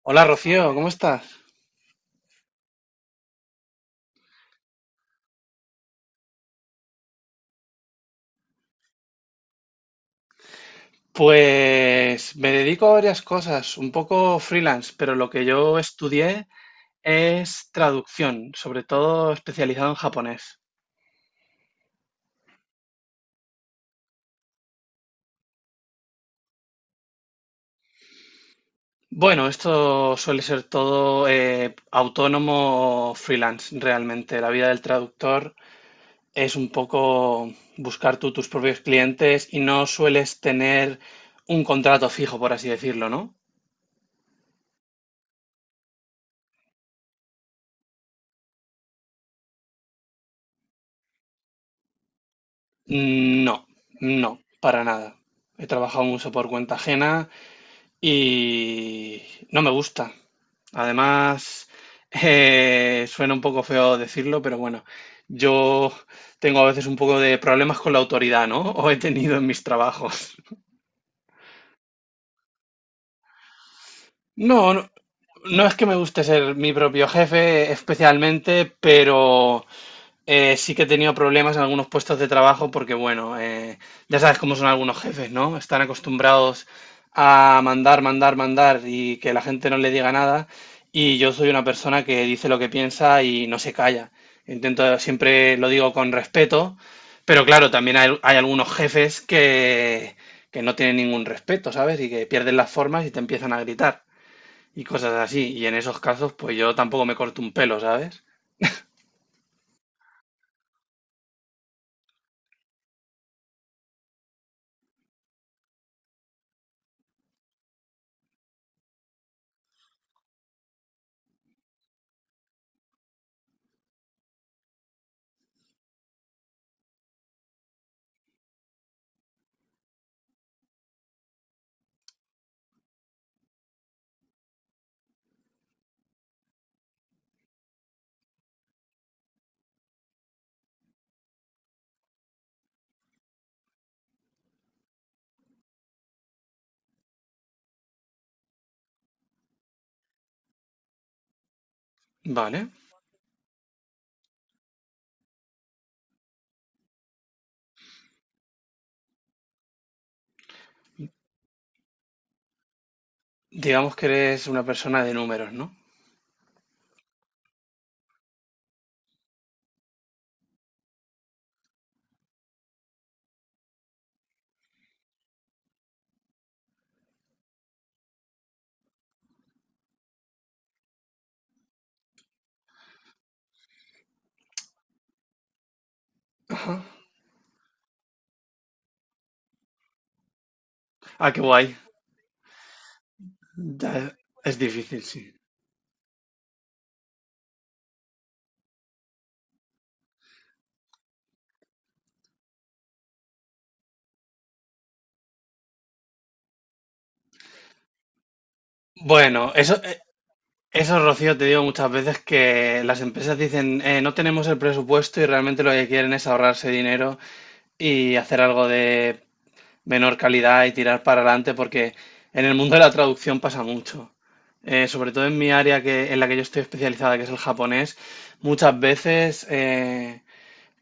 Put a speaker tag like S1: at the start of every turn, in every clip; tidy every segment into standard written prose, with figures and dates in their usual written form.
S1: Hola Rocío, ¿cómo estás? Pues me dedico a varias cosas, un poco freelance, pero lo que yo estudié es traducción, sobre todo especializado en japonés. Bueno, esto suele ser todo autónomo o freelance, realmente. La vida del traductor es un poco buscar tú tus propios clientes y no sueles tener un contrato fijo, por así decirlo, ¿no? No, no, para nada. He trabajado mucho por cuenta ajena. Y no me gusta. Además, suena un poco feo decirlo, pero bueno, yo tengo a veces un poco de problemas con la autoridad, ¿no? O he tenido en mis trabajos. No, no, no es que me guste ser mi propio jefe especialmente, pero sí que he tenido problemas en algunos puestos de trabajo porque, ya sabes cómo son algunos jefes, ¿no? Están acostumbrados a mandar, mandar, mandar y que la gente no le diga nada. Y yo soy una persona que dice lo que piensa y no se calla. Intento, siempre lo digo con respeto, pero claro, también hay algunos jefes que no tienen ningún respeto, ¿sabes? Y que pierden las formas y te empiezan a gritar y cosas así. Y en esos casos, pues yo tampoco me corto un pelo, ¿sabes? Vale. Digamos que eres una persona de números, ¿no? Ah, qué guay. Ya es difícil, sí. Bueno, eso, Rocío, te digo muchas veces que las empresas dicen: no tenemos el presupuesto", y realmente lo que quieren es ahorrarse dinero y hacer algo de menor calidad y tirar para adelante, porque en el mundo de la traducción pasa mucho. Sobre todo en mi área, que, en la que yo estoy especializada, que es el japonés, muchas veces... eh,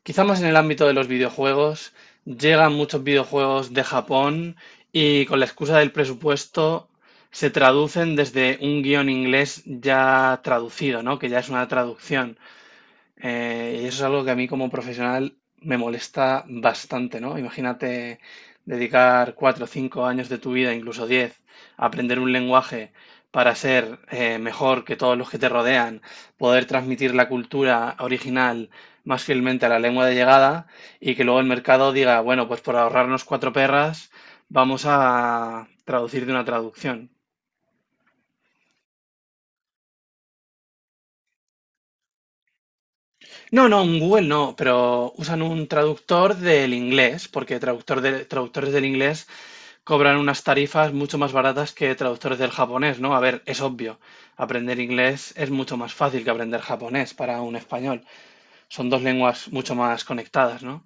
S1: Quizá más en el ámbito de los videojuegos, llegan muchos videojuegos de Japón y con la excusa del presupuesto se traducen desde un guión inglés ya traducido, ¿no? Que ya es una traducción. Y eso es algo que a mí como profesional me molesta bastante, ¿no? Imagínate dedicar cuatro o cinco años de tu vida, incluso diez, a aprender un lenguaje para ser mejor que todos los que te rodean, poder transmitir la cultura original más fielmente a la lengua de llegada, y que luego el mercado diga, bueno, pues por ahorrarnos cuatro perras, vamos a traducir de una traducción. No, no, en Google no, pero usan un traductor del inglés, porque traductores del inglés cobran unas tarifas mucho más baratas que traductores del japonés, ¿no? A ver, es obvio, aprender inglés es mucho más fácil que aprender japonés para un español. Son dos lenguas mucho más conectadas, ¿no?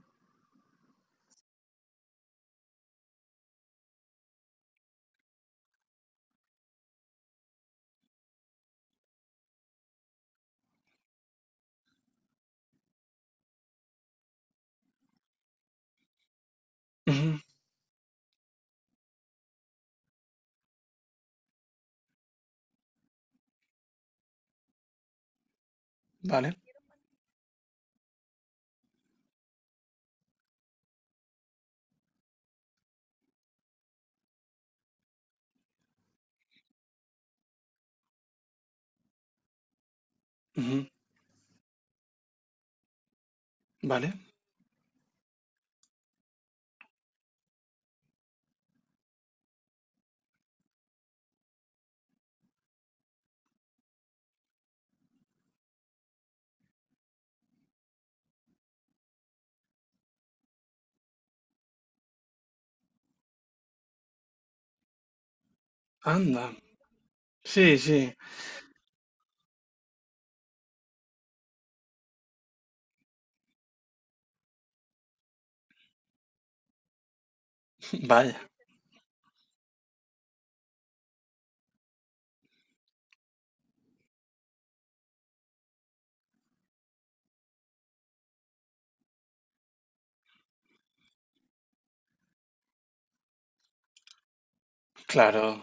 S1: Ujú, vale, ujú, vale. Anda. Sí, sí. Vaya, claro.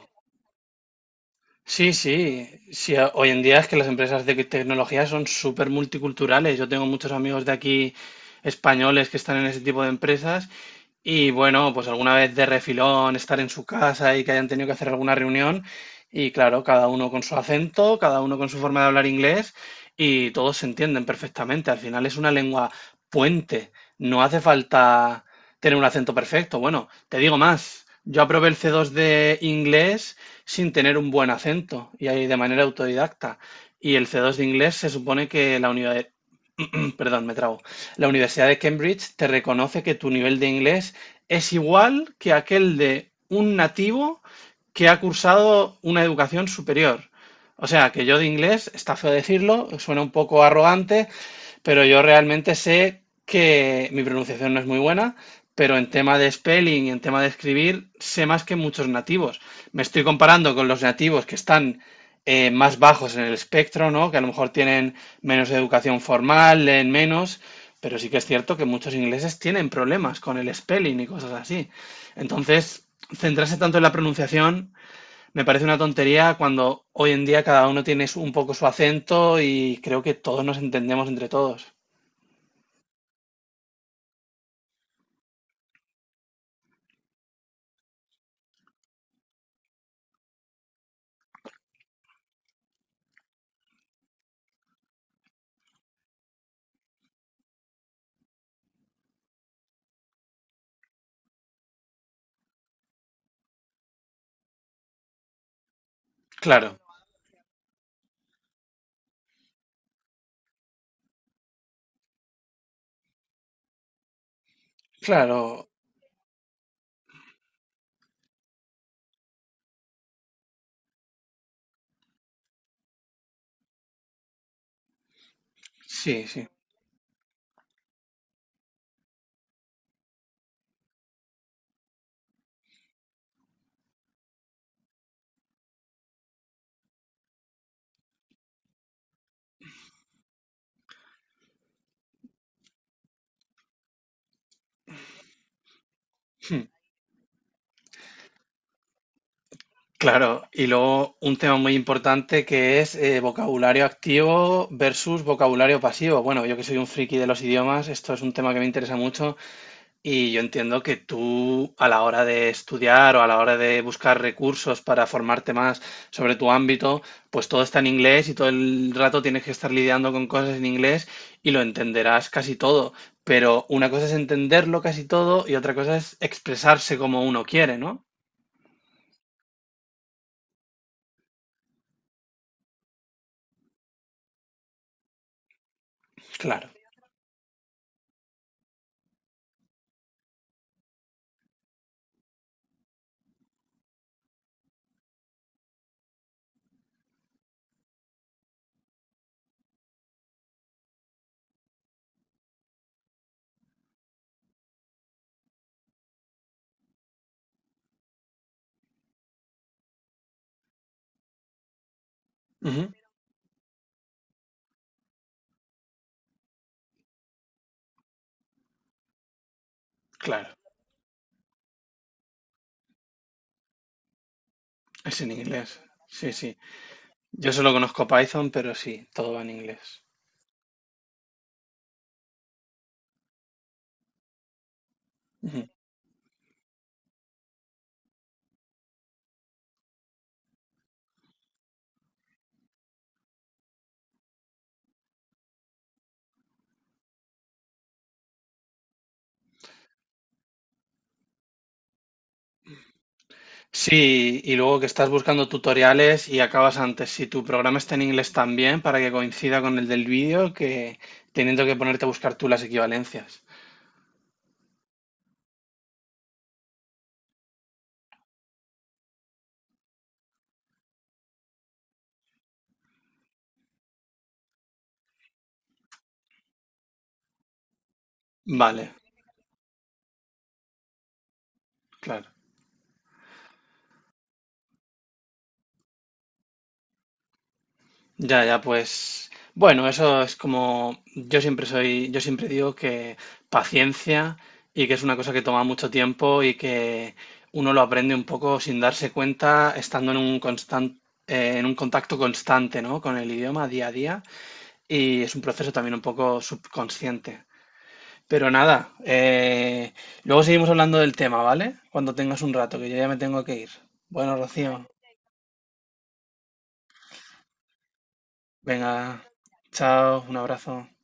S1: Sí, sí, sí, hoy en día es que las empresas de tecnología son súper multiculturales. Yo tengo muchos amigos de aquí españoles que están en ese tipo de empresas y bueno, pues alguna vez de refilón, estar en su casa y que hayan tenido que hacer alguna reunión. Y claro, cada uno con su acento, cada uno con su forma de hablar inglés, y todos se entienden perfectamente. Al final es una lengua puente. No hace falta tener un acento perfecto. Bueno, te digo más. Yo aprobé el C2 de inglés sin tener un buen acento y ahí de manera autodidacta. Y el C2 de inglés se supone que perdón, me trago. La Universidad de Cambridge te reconoce que tu nivel de inglés es igual que aquel de un nativo que ha cursado una educación superior. O sea, que yo de inglés, está feo decirlo, suena un poco arrogante, pero yo realmente sé que mi pronunciación no es muy buena, pero en tema de spelling y en tema de escribir sé más que muchos nativos. Me estoy comparando con los nativos que están más bajos en el espectro, ¿no? Que a lo mejor tienen menos educación formal, leen menos, pero sí que es cierto que muchos ingleses tienen problemas con el spelling y cosas así. Entonces, centrarse tanto en la pronunciación me parece una tontería cuando hoy en día cada uno tiene un poco su acento y creo que todos nos entendemos entre todos. Claro, claro, sí, sí. Hmm. Claro, y luego un tema muy importante que es vocabulario activo versus vocabulario pasivo. Bueno, yo que soy un friki de los idiomas, esto es un tema que me interesa mucho y yo entiendo que tú a la hora de estudiar o a la hora de buscar recursos para formarte más sobre tu ámbito, pues todo está en inglés y todo el rato tienes que estar lidiando con cosas en inglés, y lo entenderás casi todo. Pero una cosa es entenderlo casi todo y otra cosa es expresarse como uno quiere, ¿no? Claro. Ujú, claro. Es en inglés, sí, sí. Yo solo conozco Python, pero sí, todo va en inglés. Ujú. Sí, y luego que estás buscando tutoriales y acabas antes. Si tu programa está en inglés también, para que coincida con el del vídeo, que teniendo que ponerte a buscar tú las equivalencias. Vale, claro. Ya, ya, pues bueno, eso es como yo siempre soy, yo siempre digo que paciencia y que es una cosa que toma mucho tiempo y que uno lo aprende un poco sin darse cuenta, estando en un en un contacto constante, ¿no? Con el idioma día a día y es un proceso también un poco subconsciente. Pero nada, luego seguimos hablando del tema, ¿vale? Cuando tengas un rato, que yo ya me tengo que ir. Bueno, Rocío, vale, venga, chao, un abrazo.